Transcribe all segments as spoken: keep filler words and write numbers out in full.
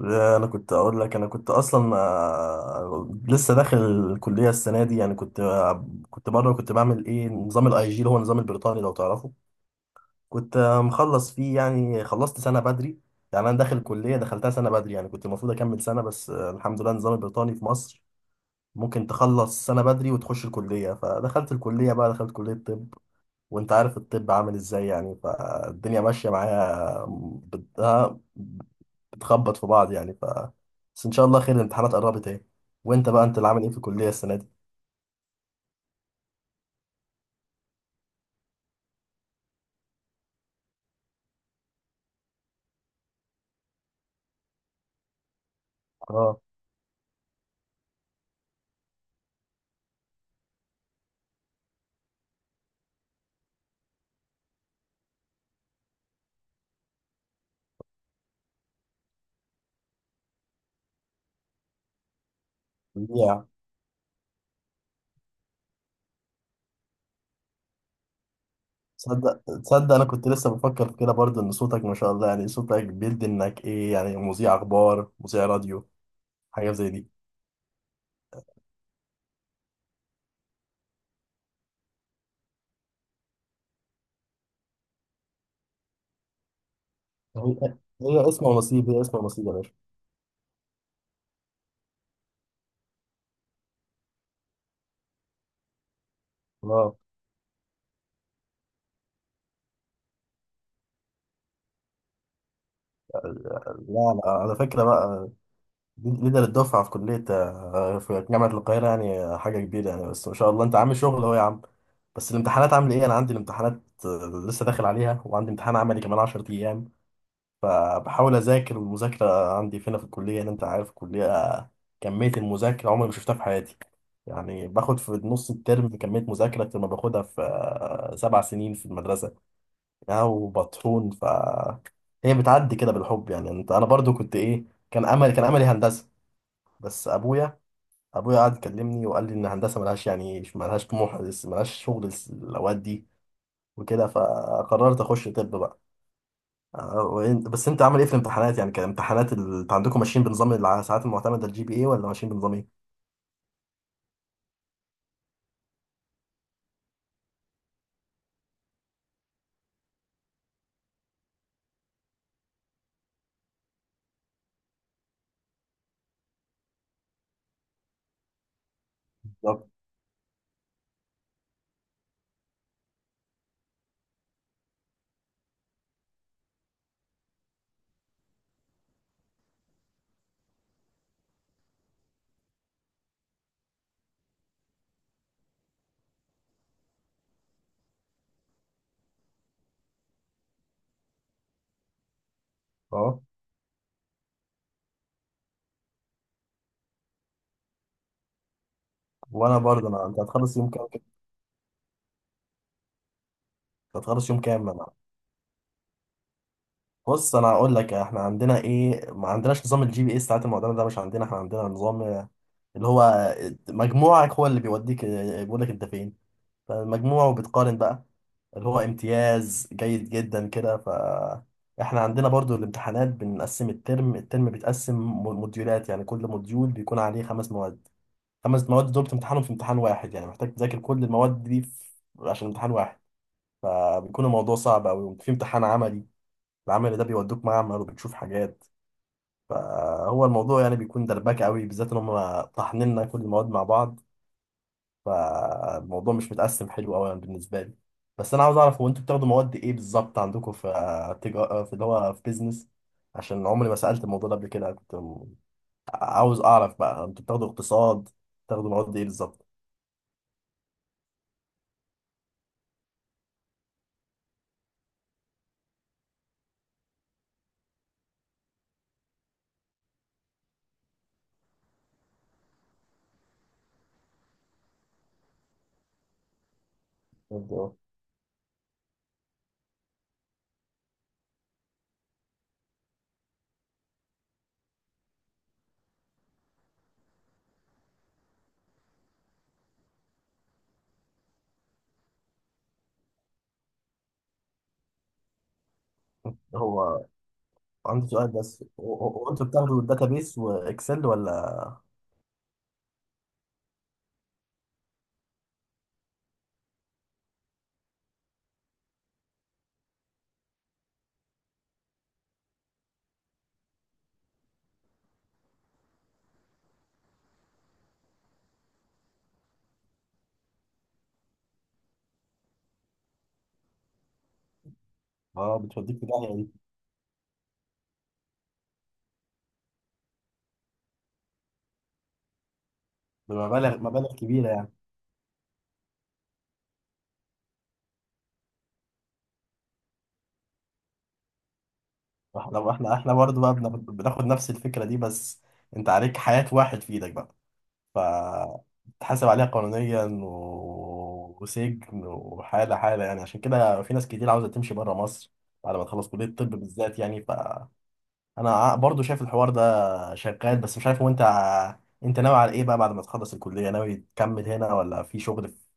لا، انا كنت اقول لك، انا كنت اصلا آه، لسه داخل الكليه السنه دي. يعني كنت آه، كنت بره، كنت بعمل ايه نظام الاي جي اللي هو النظام البريطاني لو تعرفه. كنت آه، مخلص فيه، يعني خلصت سنه بدري. يعني انا داخل الكليه، دخلتها سنه بدري، يعني كنت المفروض اكمل سنه، بس آه، الحمد لله النظام البريطاني في مصر ممكن تخلص سنه بدري وتخش الكليه. فدخلت الكليه بقى، دخلت كليه طب، وانت عارف الطب عامل ازاي يعني، فالدنيا ماشية معايا. بت- ها، بتخبط في بعض يعني. ف بس ان شاء الله خير، الامتحانات قربت اهي. وانت بقى، انت اللي عامل ايه في الكلية السنة دي؟ اه. يا. تصدق تصدق انا كنت لسه بفكر في كده برضه ان صوتك ما شاء الله، يعني صوتك بيدي انك ايه يعني، مذيع اخبار، مذيع راديو، حاجة زي دي. هي هي اسم ونصيب، هي اسم ونصيب يا باشا. اه. لا لا، على فكرة بقى، ليدر الدفعة في كلية آه، في جامعة القاهرة يعني، آه، حاجة كبيرة يعني. بس ما شاء الله أنت عامل شغل أهو يا عم. بس الامتحانات عامل إيه؟ أنا عندي الامتحانات آه، لسه داخل عليها، وعندي امتحان عملي كمان 10 أيام. فبحاول أذاكر، والمذاكرة عندي فينا في الكلية، يعني أنت عارف الكلية آه، كمية المذاكرة عمري ما شفتها في حياتي. يعني باخد في نص الترم كمية مذاكرة أكتر ما باخدها في آه، سبع سنين في المدرسة. يعني وبطحون. ف هي بتعدي كده بالحب يعني. أنت، أنا برضو كنت إيه، كان أمل، كان أملي هندسة، بس ابويا، ابويا قعد يكلمني وقال لي ان الهندسه ملهاش، يعني ملهاش طموح، لس- ملهاش شغل، لس- الاوقات دي وكده، فقررت اخش طب بقى. آه، وإن- بس انت عامل ايه في الامتحانات؟ يعني كان امتحانات ال- انت عندكم ماشيين بنظام الساعات المعتمده الجي بي اي، ولا ماشيين بنظام ايه بالظبط؟ اه. وانا برضه، انا انت هتخلص يوم كام كده؟ أنت هتخلص يوم كام؟ انا بص، انا هقول لك. احنا عندنا ايه، ما عندناش نظام الجي بي اي الساعات المعتمده ده، مش عندنا. احنا عندنا نظام آه، اللي هو مجموعك هو اللي بيوديك، بيقول لك انت فين فالمجموع، وبتقارن بقى اللي هو امتياز، جيد جدا كده. ف احنا عندنا برضو الامتحانات، بنقسم الترم، الترم بيتقسم م- موديولات، يعني كل موديول بيكون عليه خمس مواد. خمس مواد دول بتمتحنهم في امتحان واحد، يعني محتاج تذاكر كل المواد دي في... عشان امتحان واحد. فبيكون الموضوع صعب أوي. في امتحان عملي، العمل ده بيودوك معمل وبتشوف حاجات. فهو الموضوع يعني بيكون دربكة أوي، بالذات إن هم طاحنيننا كل المواد مع بعض. فالموضوع مش متقسم حلو قوي بالنسبه لي. بس انا عاوز اعرف، هو انتوا بتاخدوا مواد ايه بالظبط عندكم في تجارة، في اللي هو في بيزنس؟ عشان عمري ما سالت الموضوع ده قبل كده. كنت م- عاوز اعرف بقى، انتوا بتاخدوا اقتصاد، بتاخدوا مواد ايه بالظبط؟ أوكي. هو عندي سؤال بس، هو هو انتوا بتاخدوا الداتابيس واكسل ولا؟ اه، بتوديك في داهيه دي. بمبالغ، مبالغ كبيره يعني. احنا احنا احنا برضه بقى بناخد بناخد نفس الفكره دي، بس انت عليك حياه واحد في ايدك بقى. فتحاسب عليها قانونيا و... وسجن، وحالة حالة يعني. عشان كده في ناس كتير عاوزة تمشي بره مصر بعد ما تخلص كلية الطب بالذات يعني. فأنا ع- برضو شايف الحوار ده شغال، بس مش عارف هو أنت ع- أنت ناوي على إيه بقى بعد ما تخلص الكلية؟ ناوي تكمل هنا ولا في شغل في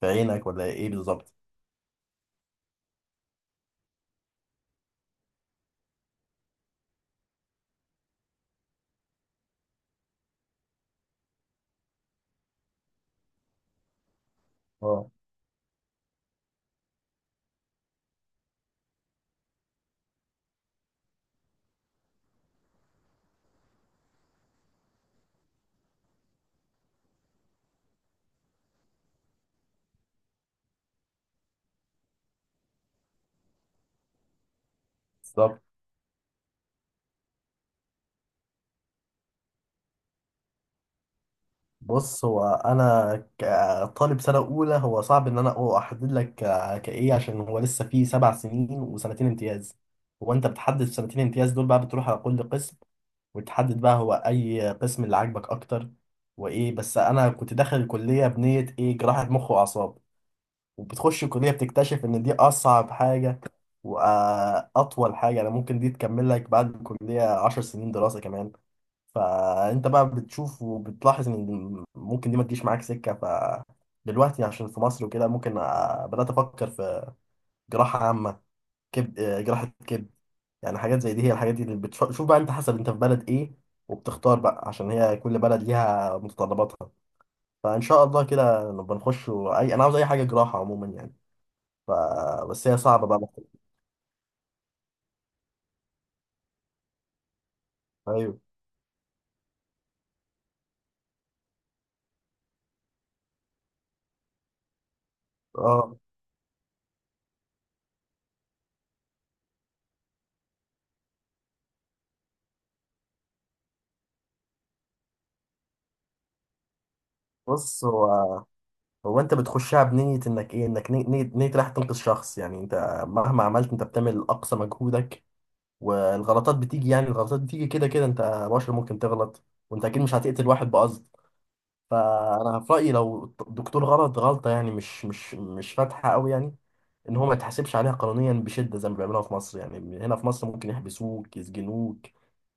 في عينك ولا إيه بالظبط؟ اه. بالظبط. بص، هو انا كطالب سنه اولى، هو صعب ان انا أو احدد لك ك- كايه، عشان هو لسه فيه سبع سنين وسنتين امتياز. هو انت بتحدد سنتين امتياز دول بقى، بتروح على كل قسم، وتحدد بقى هو اي قسم اللي عاجبك اكتر. وايه، بس انا كنت داخل الكليه بنيه ايه، جراحه مخ واعصاب. وبتخش الكليه بتكتشف ان دي اصعب حاجه واطول حاجه. انا ممكن دي تكمل لك بعد الكليه عشر سنين دراسه كمان. فانت بقى بتشوف وبتلاحظ ان ممكن دي ما تجيش معاك سكه. فدلوقتي عشان في مصر وكده، ممكن آه، بدات افكر في جراحه عامه، كبد، آه، جراحه كبد يعني، حاجات زي دي. هي الحاجات دي اللي بتشوف بقى، انت حسب انت في بلد ايه، وبتختار بقى عشان هي كل بلد ليها متطلباتها. فان شاء الله كده نبقى نخش اي، انا عاوز اي حاجه جراحه عموما يعني. ف... بس هي صعبه بقى. ايوه. اه، بص. هو هو انت بتخشها بنية انك ايه، انك ني- نية، نية رايح تنقذ شخص. يعني انت مهما عملت، انت بتعمل اقصى مجهودك، والغلطات بتيجي، يعني الغلطات بتيجي كده كده. انت بشر، ممكن تغلط، وانت اكيد مش هتقتل واحد بقصد. فانا في رأيي لو الدكتور غلط غلطة يعني مش مش مش فاتحة قوي، يعني ان هو ما يتحاسبش عليها قانونيا بشده زي ما بيعملوها في مصر يعني. هنا في مصر ممكن يحبسوك، يسجنوك،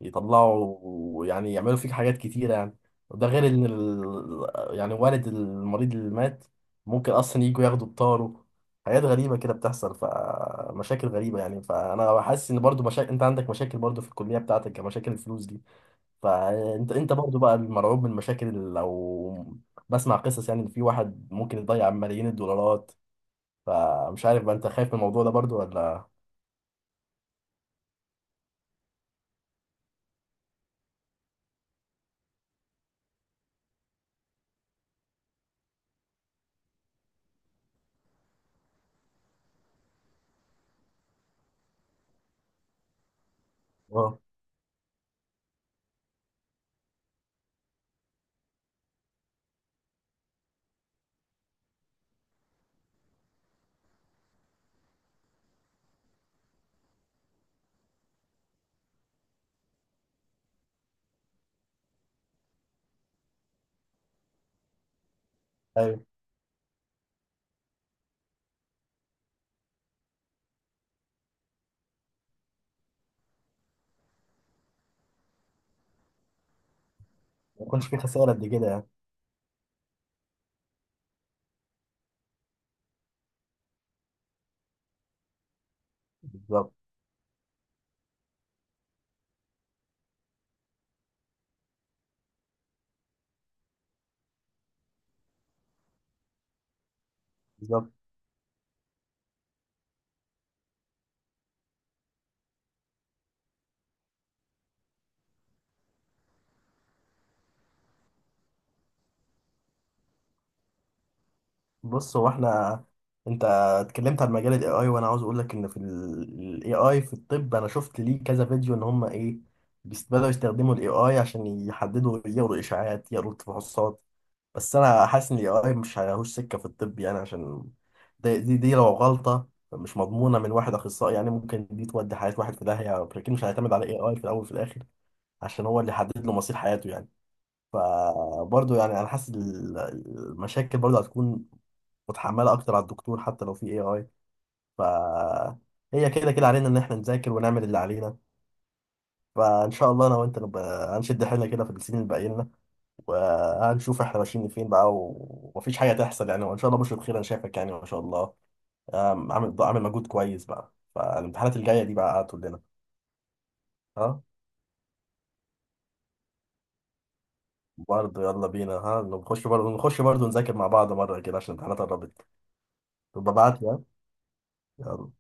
يطلعوا، يعني يعملوا فيك حاجات كتيره يعني. وده غير ان ال... يعني والد المريض اللي مات ممكن اصلا يجوا ياخدوا بطاره. حاجات غريبه كده بتحصل، فمشاكل غريبه يعني. فانا حاسس ان برضو مشاكل، انت عندك مشاكل برضو في الكليه بتاعتك كمشاكل الفلوس دي. فانت انت برضو بقى المرعوب من المشاكل اللي- لو بسمع قصص يعني ان في واحد ممكن يضيع ملايين الدولارات، فمش عارف بقى انت خايف من الموضوع ده برضو ولا. اه. ايوه، ما يكونش في خساره قد كده يعني. بالظبط. بالظبط. بص هو احنا، انت اتكلمت عن مجال الاي اي، وانا عاوز اقول لك ان في الاي اي في الطب، انا شفت ليه كذا فيديو ان هم ايه بيست- بدأوا يستخدموا الاي اي عشان يحددوا، يقروا اشاعات، يقروا تفحصات. بس انا حاسس ان الاي اي مش هيهوش سكه في الطب يعني. عشان دي دي, دي لو غلطه مش مضمونه من واحد اخصائي يعني، ممكن دي تودي حياه واحد في داهيه. لكن مش هيعتمد على اي اي في الاول وفي الاخر، عشان هو اللي حدد له مصير حياته يعني. فبرضه يعني انا حاسس ال- المشاكل برضه هتكون متحمله اكتر على الدكتور، حتى لو في اي اي. ف هي كده كده علينا ان احنا نذاكر ونعمل اللي علينا. فان شاء الله انا وانت نبقى هنشد حيلنا كده في السنين اللي باقي لنا، وهنشوف احنا ماشيين فين بقى. و- ومفيش حاجه تحصل يعني. وان شاء الله بشرة خير، انا شايفك يعني ما شاء الله، أم، عامل عامل مجهود كويس بقى. فالامتحانات الجايه دي بقى هتقول لنا. ها، برضه يلا بينا. ها نخش برضه، نخش برضه نذاكر مع بعض مره كده عشان الامتحانات قربت. ببعت لك. يلا.